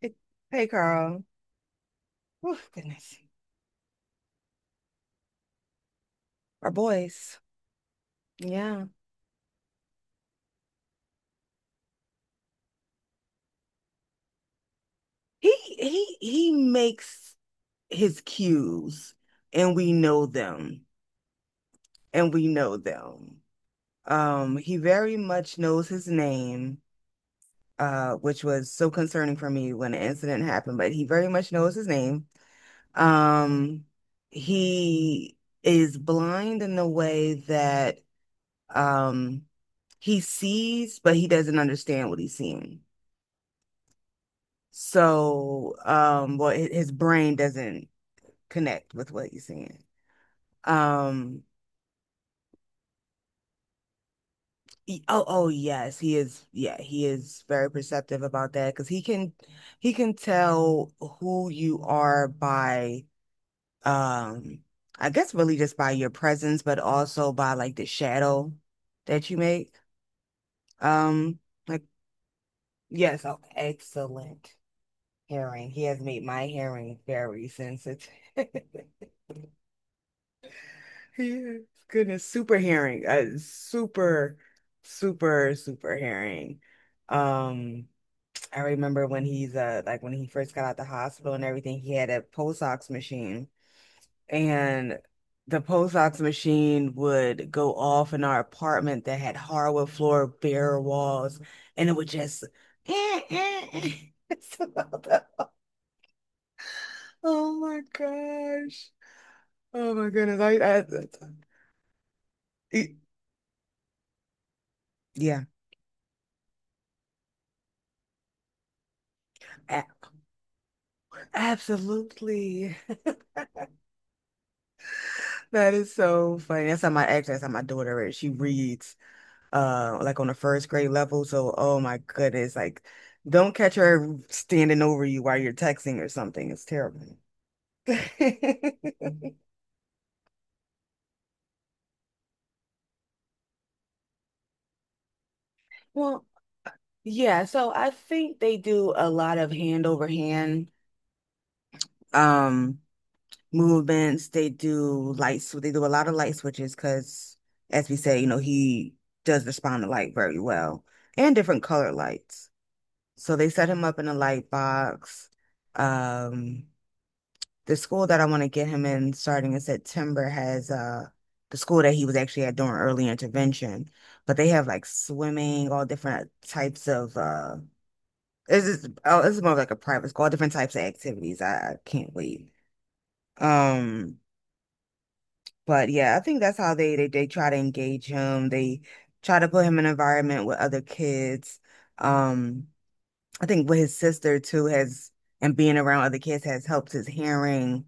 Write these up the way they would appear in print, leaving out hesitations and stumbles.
Hey, hey, Carl. Oh, goodness. Our boys. Yeah. He he makes his cues, and we know them. And we know them. He very much knows his name, which was so concerning for me when the incident happened, but he very much knows his name. Um, he is blind in the way that um he sees, but he doesn't understand what he's seeing. So, his brain doesn't connect with what he's seeing. Um, oh, oh, yes, he is. Yeah, he is very perceptive about that because he can tell who you are by, um, I guess really just by your presence, but also by like the shadow that you make. Um, like yes, oh, excellent hearing. He has made my hearing very sensitive. Yeah. Goodness, super herring. Super, super, super herring. Um, I remember when he's like when he first got out the hospital and everything, he had a pulse ox machine. And the pulse ox machine would go off in our apartment that had hardwood floor, bare walls, and it would just eh, eh, eh. It's about the- Oh my gosh. Oh my goodness. It- yeah. Absolutely. That is so funny. That's how my daughter is. She reads on the first grade level. So oh my goodness, like don't catch her standing over you while you're texting or something. It's terrible. Well, yeah, so I think they do a lot of hand over hand um movements. They do lights, they do a lot of light switches because as we said, you know, he does respond to light very well and different color lights. So they set him up in a light box. Um, the school that I want to get him in starting in September has the school that he was actually at during early intervention, but they have like swimming, all different types of this is oh this is more of like a private school, all different types of activities. I can't wait. Um, but yeah, I think that's how they try to engage him. They try to put him in an environment with other kids. Um I think with his sister too has and being around other kids has helped his hearing.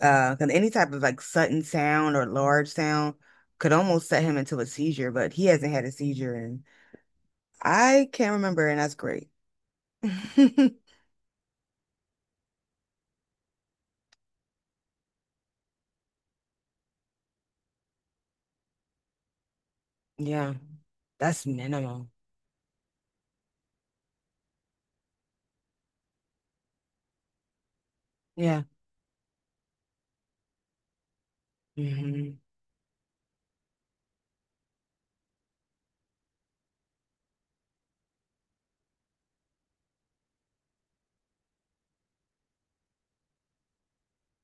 'Cause any type of like sudden sound or large sound could almost set him into a seizure, but he hasn't had a seizure and I can't remember, and that's great. Yeah, that's minimal. Yeah. Hmm.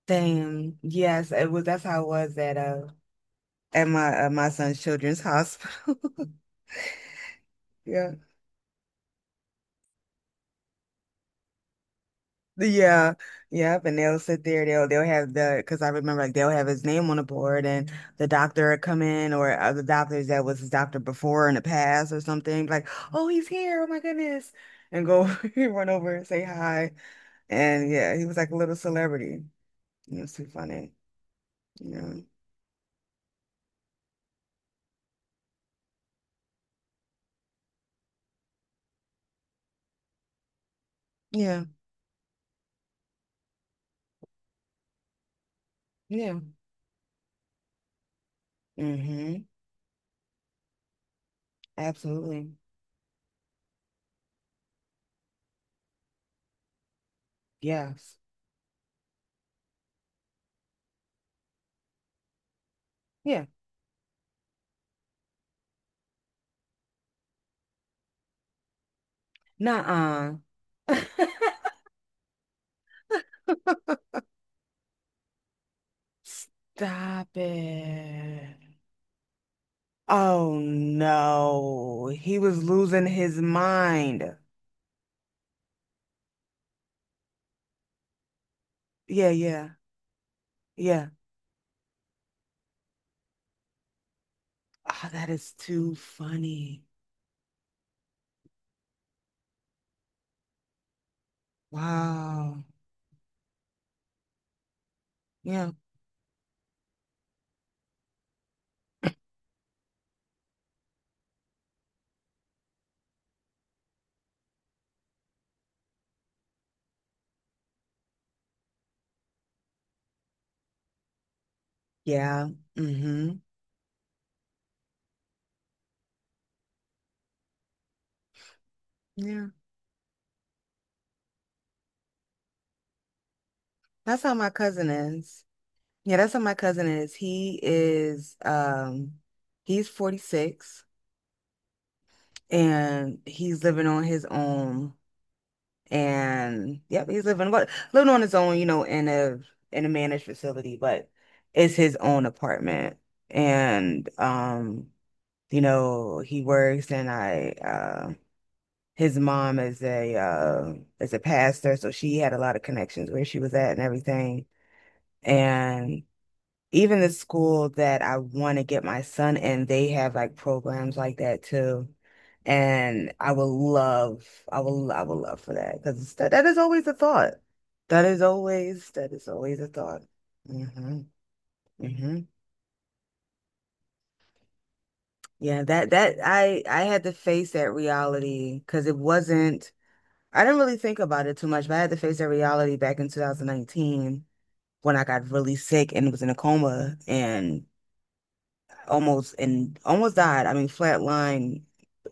Same. Yes, it was. That's how it was at my son's children's hospital. Yeah. Yeah, yep, and they'll sit there. They'll have the because I remember like they'll have his name on the board, and the doctor would come in or other doctors that was his doctor before in the past or something like, oh, he's here, oh my goodness, and go run over and say hi, and yeah, he was like a little celebrity. It was too funny. Yeah, yeah, yeah. Hmm. Absolutely. Yes. Yeah. Nuh-uh. Stop it. Oh no, he was losing his mind. Yeah, yeah, yeah. Oh, that is too funny. Wow. Yeah, yeah. Mm-hmm. Yeah. That's how my cousin is. Yeah, that's how my cousin is. He is he's 46 and he's living on his own. And yep, he's living what living on his own, you know, in a managed facility, but it's his own apartment. And you know, he works and I his mom is a pastor, so she had a lot of connections where she was at and everything. And even the school that I want to get my son in, they have like programs like that too. And I would love for that because that is always a thought. That is always a thought. Hmm. Hmm. I had to face that reality because it wasn't, I didn't really think about it too much, but I had to face that reality back in 2019 when I got really sick and was in a coma and almost died. I mean, flatlined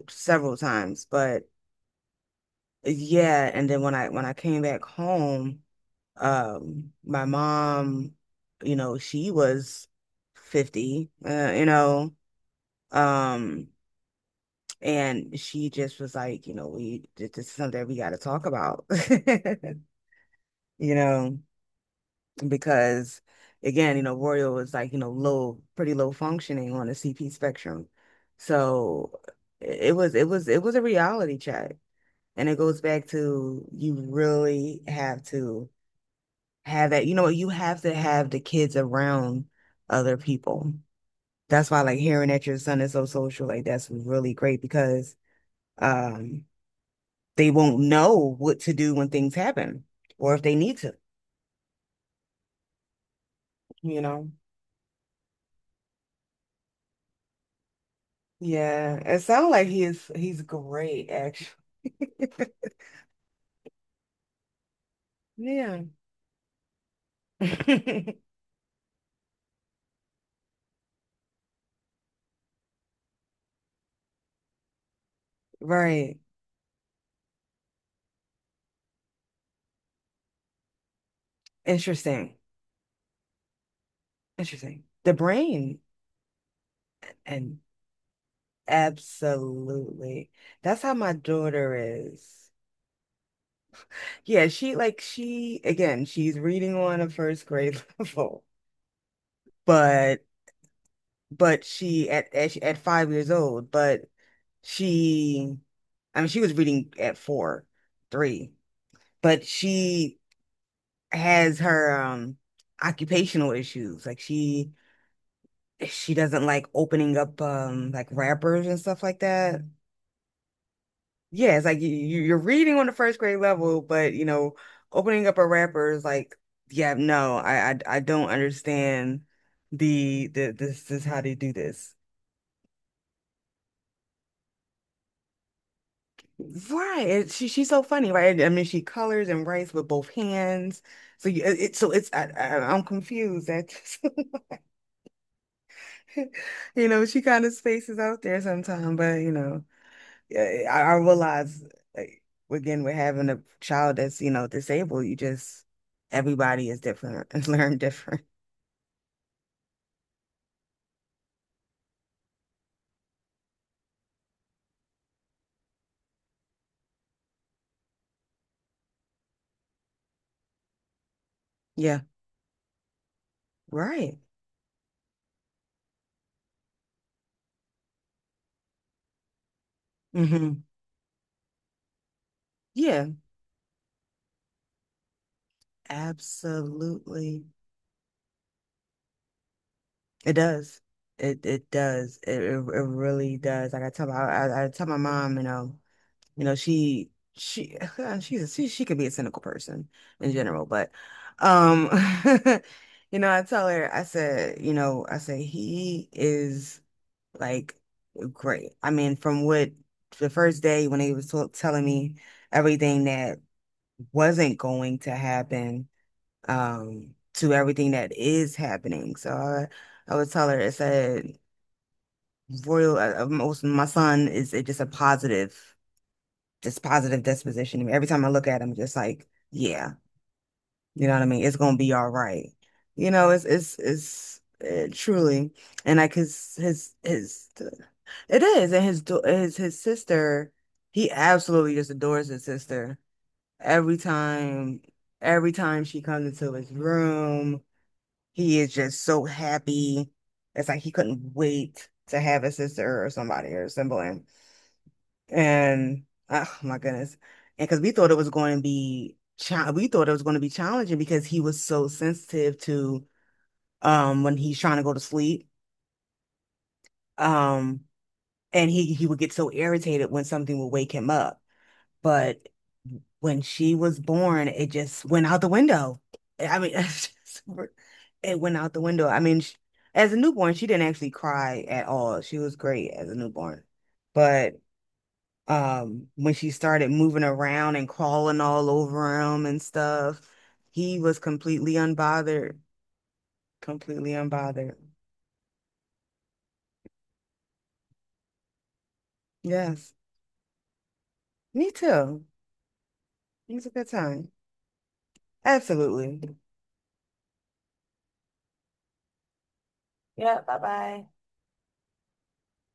several times, but yeah. And then when I came back home, my mom, you know, she was 50, you know, um, and she just was like, you know, we this is something we got to talk about, you know. Because again, you know, Royal is like, you know, low, pretty low functioning on the CP spectrum. So it was it was a reality check. And it goes back to you really have to have that, you know, you have to have the kids around other people. That's why like hearing that your son is so social, like that's really great because um they won't know what to do when things happen or if they need to, you know. Yeah, it sounds like he's great actually. Yeah. Right. Interesting. Interesting. The brain and absolutely. That's how my daughter is. Yeah, she like she again, she's reading on a first grade level, but she at 5 years old, but she I mean she was reading at four, three, but she has her occupational issues. She doesn't like opening up like wrappers and stuff like that. Yeah, it's like you're reading on the first grade level, but you know, opening up a wrapper is like, yeah, no, I don't understand the this is how they do this. Right. She she's so funny, right? I mean, she colors and writes with both hands. So it's I'm confused. That. You know, she kind of spaces out there sometimes, but you know, yeah, I realize like again, we're having a child that's, you know, disabled, you just everybody is different and learn different. Yeah, right. Hmm. Yeah, absolutely. It does. It does. It really does. Like I tell my mom, you know. You know, she she could be a cynical person in general, but um you know, I tell her, I said, you know, I said he is like great. I mean, from what the first day when he was t telling me everything that wasn't going to happen, to everything that is happening. So I would tell her, I said, Royal, most my son is just a positive, this positive disposition. Every time I look at him, just like, yeah, you know what I mean? It's gonna be all right. You know, truly, and like his it is, and his sister, he absolutely just adores his sister. Every time, every time she comes into his room, he is just so happy. It's like he couldn't wait to have a sister or somebody or a sibling, and oh my goodness. And because we thought it was going to be challenging because he was so sensitive to when he's trying to go to sleep. Um and he would get so irritated when something would wake him up. But when she was born, it just went out the window. I mean, it went out the window. I mean, sh As a newborn, she didn't actually cry at all. She was great as a newborn. But when she started moving around and crawling all over him and stuff, he was completely unbothered, completely unbothered. Yes, me too. It was a good time. Absolutely. Yeah, bye bye.